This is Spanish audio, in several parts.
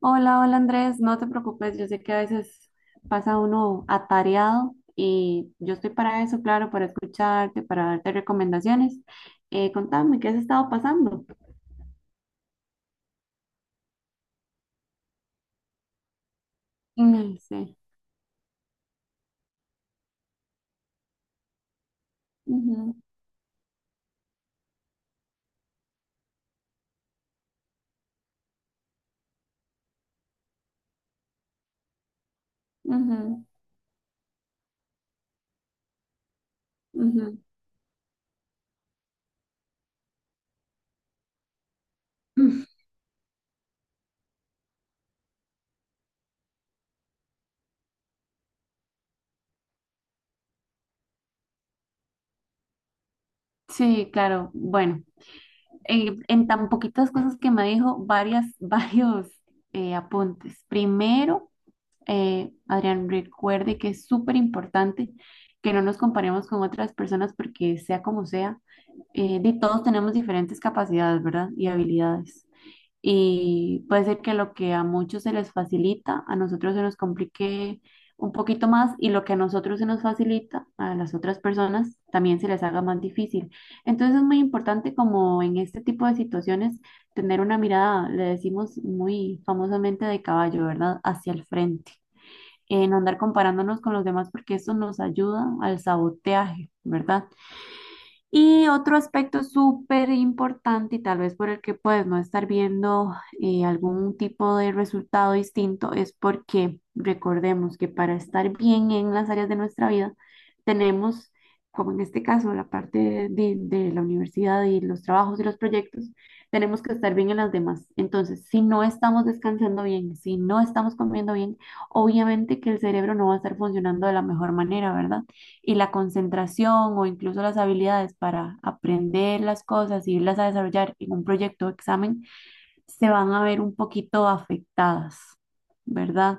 Hola, hola Andrés, no te preocupes, yo sé que a veces pasa uno atareado y yo estoy para eso, claro, para escucharte, para darte recomendaciones. Contame, ¿qué has estado pasando? Mm, sí. Ujú, ujú, ujú. Mm, sí, claro, bueno, en tan poquitas cosas que me dijo, varios apuntes. Primero, Adrián, recuerde que es súper importante que no nos comparemos con otras personas porque sea como sea, de todos tenemos diferentes capacidades, ¿verdad? Y habilidades. Y puede ser que lo que a muchos se les facilita, a nosotros se nos complique un poquito más y lo que a nosotros se nos facilita, a las otras personas también se les haga más difícil. Entonces es muy importante como en este tipo de situaciones tener una mirada, le decimos muy famosamente de caballo, ¿verdad? Hacia el frente en andar comparándonos con los demás porque eso nos ayuda al saboteaje, ¿verdad? Y otro aspecto súper importante y tal vez por el que puedes no estar viendo algún tipo de resultado distinto es porque recordemos que para estar bien en las áreas de nuestra vida tenemos, como en este caso, la parte de la universidad y los trabajos y los proyectos, tenemos que estar bien en las demás. Entonces, si no estamos descansando bien, si no estamos comiendo bien, obviamente que el cerebro no va a estar funcionando de la mejor manera, ¿verdad? Y la concentración o incluso las habilidades para aprender las cosas y irlas a desarrollar en un proyecto o examen se van a ver un poquito afectadas, ¿verdad?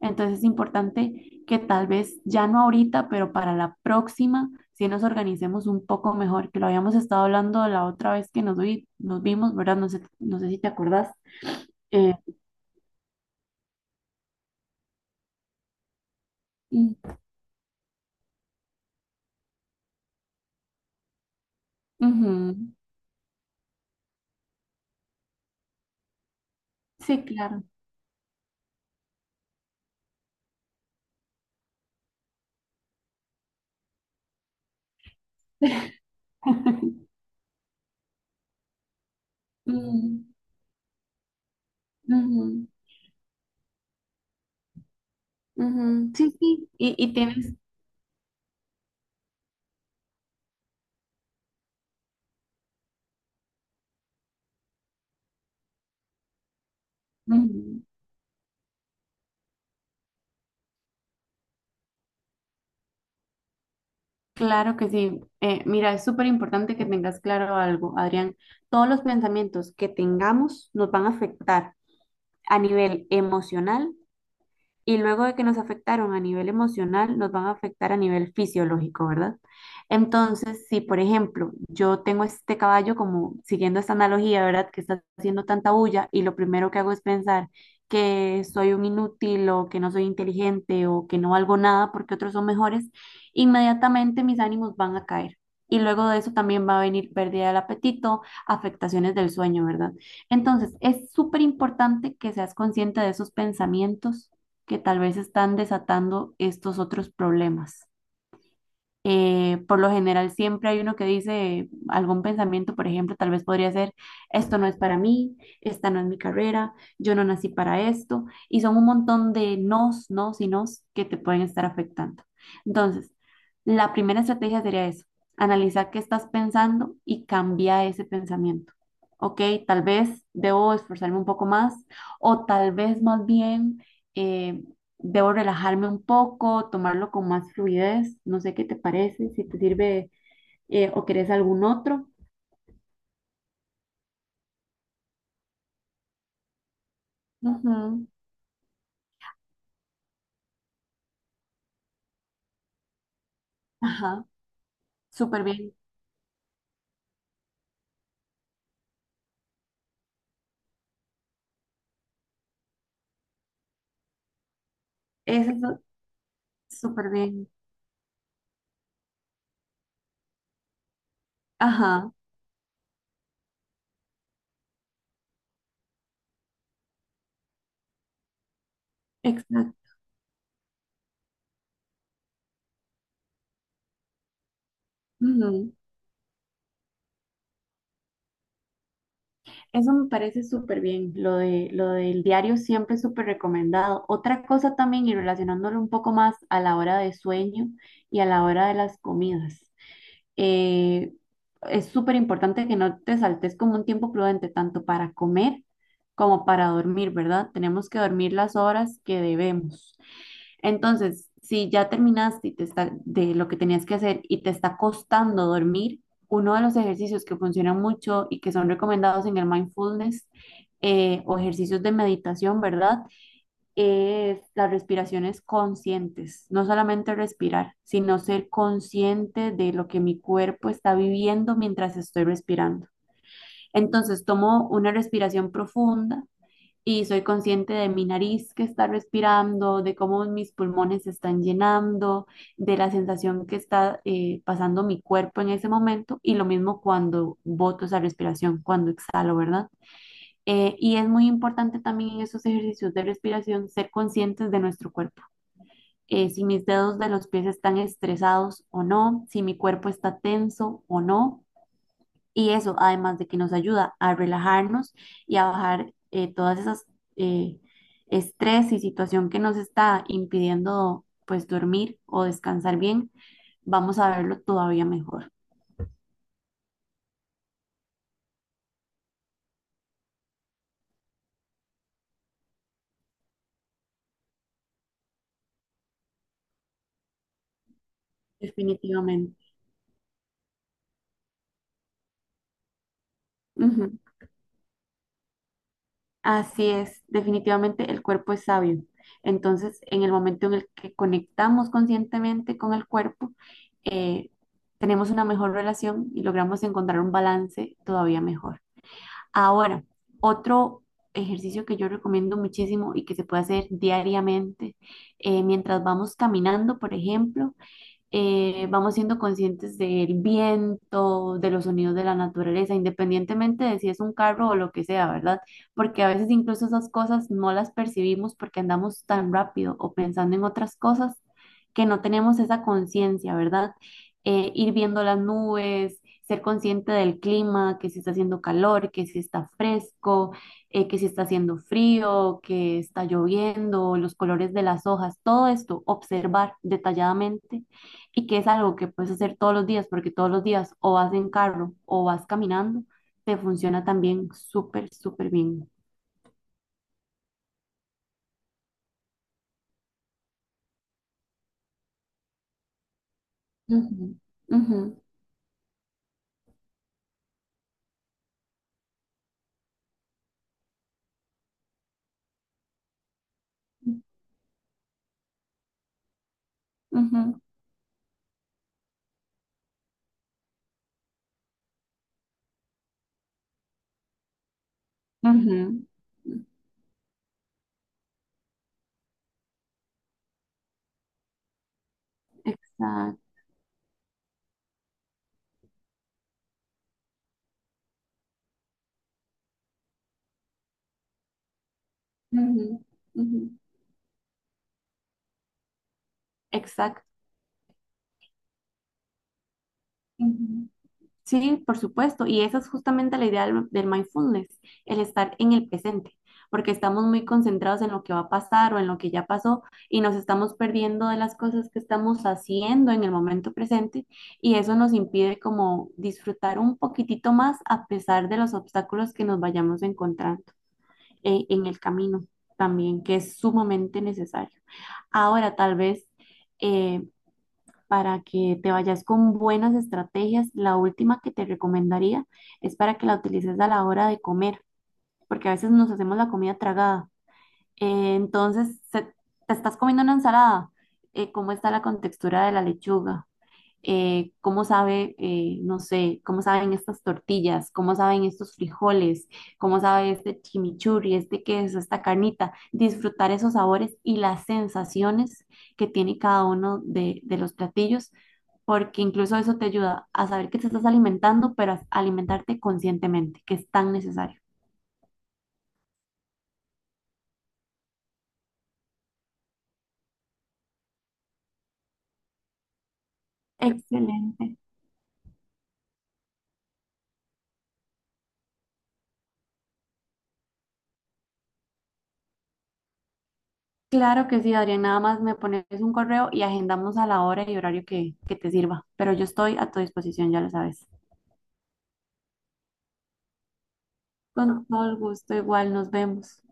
Entonces es importante que tal vez ya no ahorita, pero para la próxima, si nos organicemos un poco mejor, que lo habíamos estado hablando la otra vez que nos vimos, ¿verdad? No sé si te acordás. Eh, mm, ujú. Sí, claro. Mm, ujú. Ujú, sí, sí, ujú, claro que sí. Mira, es súper importante que tengas claro algo, Adrián. Todos los pensamientos que tengamos nos van a afectar a nivel emocional y luego de que nos afectaron a nivel emocional, nos van a afectar a nivel fisiológico, ¿verdad? Entonces, si por ejemplo yo tengo este caballo como siguiendo esta analogía, ¿verdad? Que está haciendo tanta bulla y lo primero que hago es pensar que soy un inútil o que no soy inteligente o que no valgo nada porque otros son mejores, inmediatamente mis ánimos van a caer. Y luego de eso también va a venir pérdida del apetito, afectaciones del sueño, ¿verdad? Entonces, es súper importante que seas consciente de esos pensamientos que tal vez están desatando estos otros problemas. Por lo general siempre hay uno que dice algún pensamiento, por ejemplo, tal vez podría ser, esto no es para mí, esta no es mi carrera, yo no nací para esto, y son un montón de nos, nos y nos que te pueden estar afectando. Entonces, la primera estrategia sería eso, analizar qué estás pensando y cambiar ese pensamiento. Ok, tal vez debo esforzarme un poco más o tal vez más bien... eh, debo relajarme un poco, tomarlo con más fluidez, no sé qué te parece, si te sirve o querés algún otro. Ujú, ajá, súper bien. Eso es lo- Súper bien. Ajá, exacto. Ujú. Eso me parece súper bien, lo del diario siempre es súper recomendado. Otra cosa también, y relacionándolo un poco más a la hora de sueño y a la hora de las comidas. eh, es súper importante que no te saltes como un tiempo prudente, tanto para comer como para dormir, ¿verdad? Tenemos que dormir las horas que debemos. Entonces, si ya terminaste y te está, de lo que tenías que hacer y te está costando dormir, uno de los ejercicios que funcionan mucho y que son recomendados en el mindfulness o ejercicios de meditación, ¿verdad? Es las respiraciones conscientes, no solamente respirar, sino ser consciente de lo que mi cuerpo está viviendo mientras estoy respirando. Entonces tomo una respiración profunda y soy consciente de mi nariz que está respirando, de cómo mis pulmones se están llenando, de la sensación que está pasando mi cuerpo en ese momento y lo mismo cuando boto esa respiración, cuando exhalo, ¿verdad? Y es muy importante también en esos ejercicios de respiración ser conscientes de nuestro cuerpo. Si mis dedos de los pies están estresados o no, si mi cuerpo está tenso o no. Y eso, además de que nos ayuda a relajarnos y a bajar todas esas eh, estrés y situación que nos está impidiendo pues dormir o descansar bien, vamos a verlo todavía mejor, definitivamente. Ujú. Así es, definitivamente el cuerpo es sabio. Entonces, en el momento en el que conectamos conscientemente con el cuerpo, eh, tenemos una mejor relación y logramos encontrar un balance todavía mejor. Ahora, otro ejercicio que yo recomiendo muchísimo y que se puede hacer diariamente, mientras vamos caminando, por ejemplo, vamos siendo conscientes del viento, de los sonidos de la naturaleza, independientemente de si es un carro o lo que sea, ¿verdad? Porque a veces incluso esas cosas no las percibimos porque andamos tan rápido o pensando en otras cosas que no tenemos esa conciencia, ¿verdad? Ir viendo las nubes, ser consciente del clima, que si está haciendo calor, que si está fresco, que si está haciendo frío, que está lloviendo, los colores de las hojas, todo esto, observar detalladamente y que es algo que puedes hacer todos los días, porque todos los días o vas en carro o vas caminando, te funciona también súper, súper bien. Ujú, ujú, ujú, ujú, ujú. Exacto. Ujú, ujú, exacto. Ujú. Sí, por supuesto. Y esa es justamente la idea del mindfulness, el estar en el presente, porque estamos muy concentrados en lo que va a pasar o en lo que ya pasó y nos estamos perdiendo de las cosas que estamos haciendo en el momento presente y eso nos impide como disfrutar un poquitito más a pesar de los obstáculos que nos vayamos encontrando en el camino también, que es sumamente necesario. Ahora, tal vez... eh, para que te vayas con buenas estrategias. La última que te recomendaría es para que la utilices a la hora de comer, porque a veces nos hacemos la comida tragada. Entonces, te estás comiendo una ensalada. ¿Cómo está la contextura de la lechuga? Cómo sabe, no sé, cómo saben estas tortillas, cómo saben estos frijoles, cómo sabe este chimichurri, este queso, esta carnita, disfrutar esos sabores y las sensaciones que tiene cada uno de los platillos, porque incluso eso te ayuda a saber que te estás alimentando, pero a alimentarte conscientemente, que es tan necesario. Excelente. Claro que sí, Adrián. Nada más me pones un correo y agendamos a la hora y horario que te sirva. Pero yo estoy a tu disposición, ya lo sabes. Con todo el gusto, igual nos vemos.